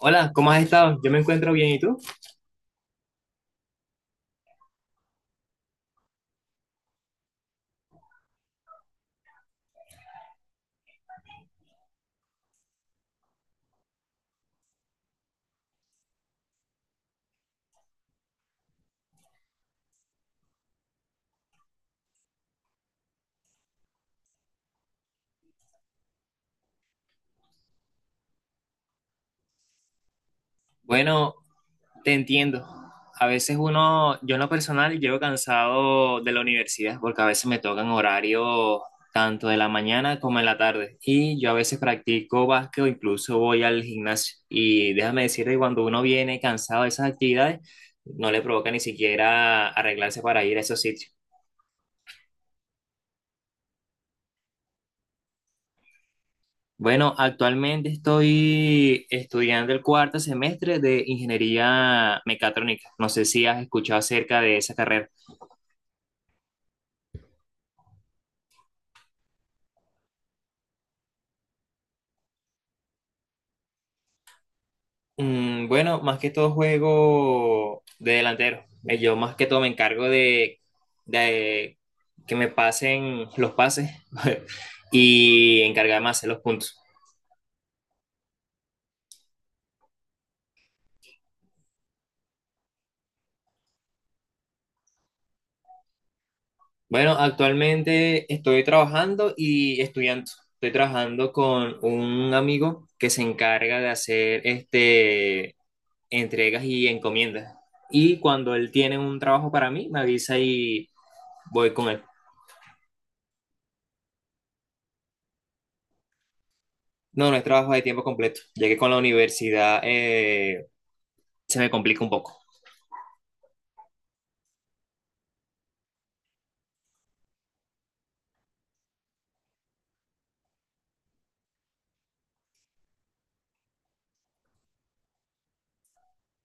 Hola, ¿cómo has estado? Yo me encuentro bien, ¿y tú? Bueno, te entiendo. A veces uno, yo en lo personal, llego cansado de la universidad porque a veces me tocan horarios tanto de la mañana como en la tarde. Y yo a veces practico básquet o incluso voy al gimnasio. Y déjame decirte que cuando uno viene cansado de esas actividades, no le provoca ni siquiera arreglarse para ir a esos sitios. Bueno, actualmente estoy estudiando el cuarto semestre de ingeniería mecatrónica. No sé si has escuchado acerca de esa carrera. Bueno, más que todo juego de delantero. Yo más que todo me encargo de que me pasen los pases y encargarme de hacer los puntos. Bueno, actualmente estoy trabajando y estudiando. Estoy trabajando con un amigo que se encarga de hacer entregas y encomiendas. Y cuando él tiene un trabajo para mí, me avisa y voy con él. No, no es trabajo de tiempo completo, ya que con la universidad se me complica un poco.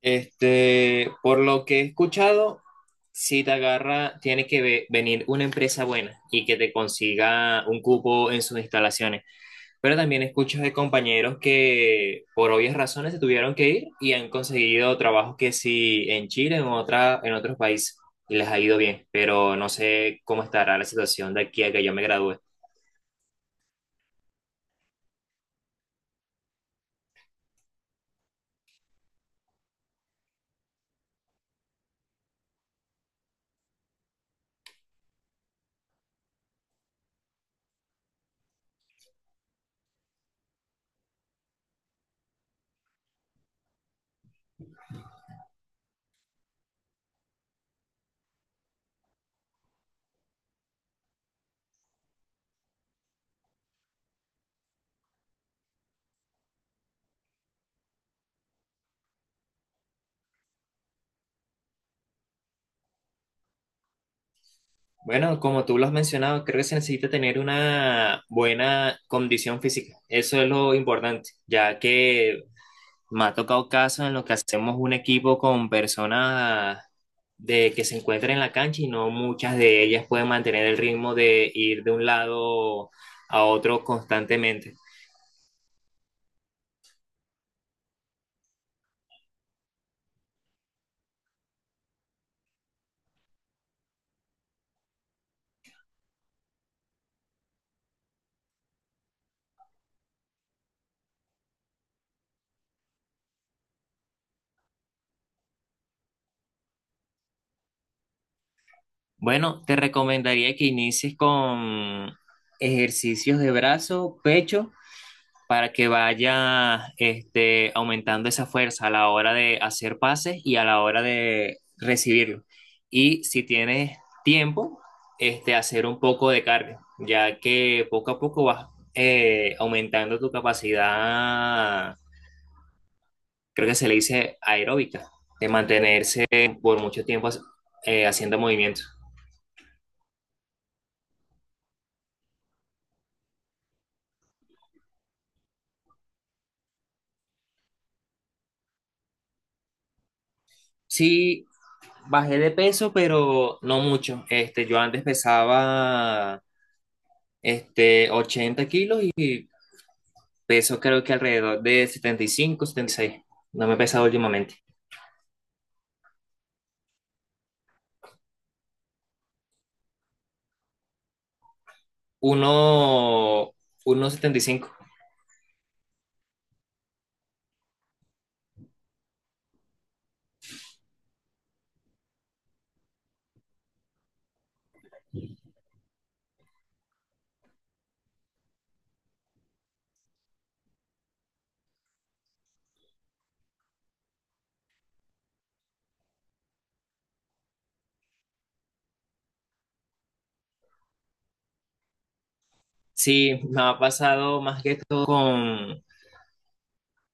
Por lo que he escuchado, si te agarra, tiene que venir una empresa buena y que te consiga un cupo en sus instalaciones. Pero también escucho de compañeros que por obvias razones se tuvieron que ir y han conseguido trabajos que sí en Chile, en otra, en otros países, y les ha ido bien, pero no sé cómo estará la situación de aquí a que yo me gradúe. Bueno, como tú lo has mencionado, creo que se necesita tener una buena condición física. Eso es lo importante, ya que me ha tocado casos en los que hacemos un equipo con personas de que se encuentran en la cancha y no muchas de ellas pueden mantener el ritmo de ir de un lado a otro constantemente. Bueno, te recomendaría que inicies con ejercicios de brazo, pecho para que vaya aumentando esa fuerza a la hora de hacer pases y a la hora de recibirlo. Y si tienes tiempo, hacer un poco de cardio, ya que poco a poco vas aumentando tu capacidad, creo que se le dice aeróbica, de mantenerse por mucho tiempo haciendo movimientos. Sí, bajé de peso, pero no mucho. Yo antes pesaba 80 kilos y peso creo que alrededor de 70, 75, 76. No me he pesado últimamente. Uno, 1,75. Sí, me ha pasado más que todo con,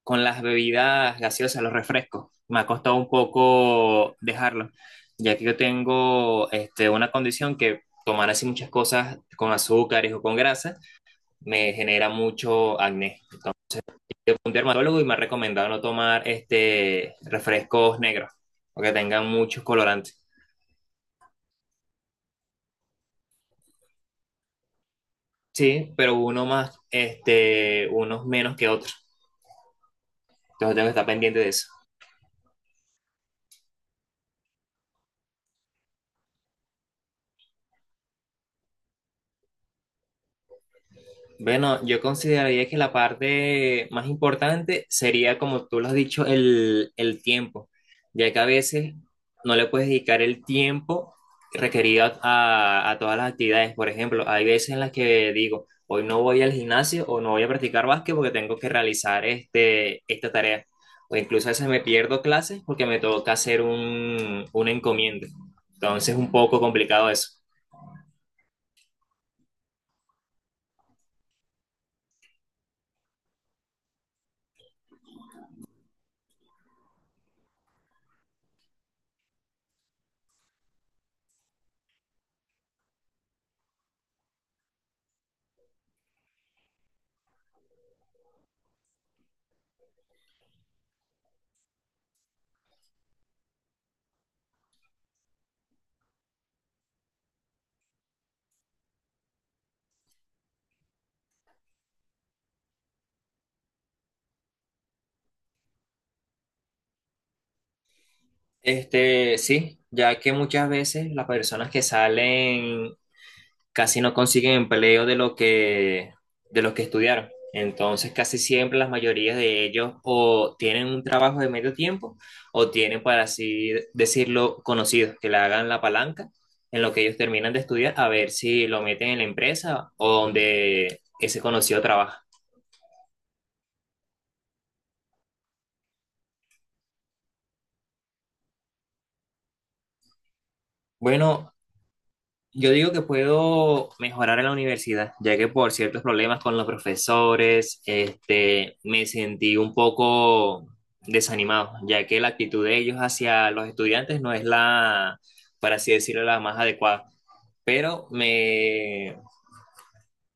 con las bebidas gaseosas, los refrescos. Me ha costado un poco dejarlo, ya que yo tengo una condición que tomar así muchas cosas con azúcares o con grasa me genera mucho acné. Yo fui a un dermatólogo y me ha recomendado no tomar refrescos negros, porque tengan muchos colorantes. Sí, pero uno más, unos menos que otros. Entonces tengo que estar pendiente de eso. Bueno, yo consideraría que la parte más importante sería, como tú lo has dicho, el tiempo, ya que a veces no le puedes dedicar el tiempo requerido a todas las actividades. Por ejemplo, hay veces en las que digo, hoy no voy al gimnasio o no voy a practicar básquet porque tengo que realizar esta tarea. O incluso a veces me pierdo clases porque me toca hacer un encomienda. Entonces es un poco complicado eso. Sí, ya que muchas veces las personas que salen casi no consiguen empleo de lo que estudiaron. Entonces, casi siempre las mayorías de ellos o tienen un trabajo de medio tiempo o tienen, para así decirlo, conocidos que le hagan la palanca en lo que ellos terminan de estudiar a ver si lo meten en la empresa o donde ese conocido trabaja. Bueno, yo digo que puedo mejorar en la universidad, ya que por ciertos problemas con los profesores, me sentí un poco desanimado, ya que la actitud de ellos hacia los estudiantes no es la, por así decirlo, la más adecuada. Pero me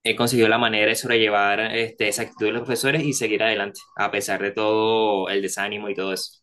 he conseguido la manera de sobrellevar, esa actitud de los profesores y seguir adelante, a pesar de todo el desánimo y todo eso.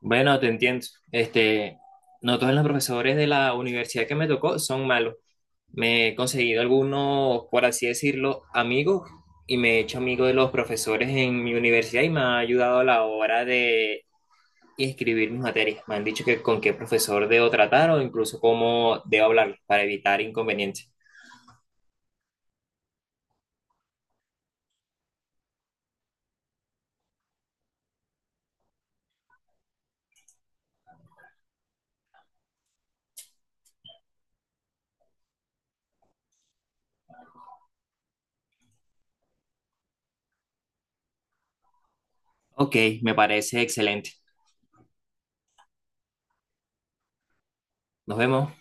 Bueno, te entiendo. Este, no todos los profesores de la universidad que me tocó son malos. Me he conseguido algunos, por así decirlo, amigos y me he hecho amigo de los profesores en mi universidad y me ha ayudado a la hora de inscribir mis materias. Me han dicho que con qué profesor debo tratar o incluso cómo debo hablar para evitar inconvenientes. Ok, me parece excelente. Nos vemos.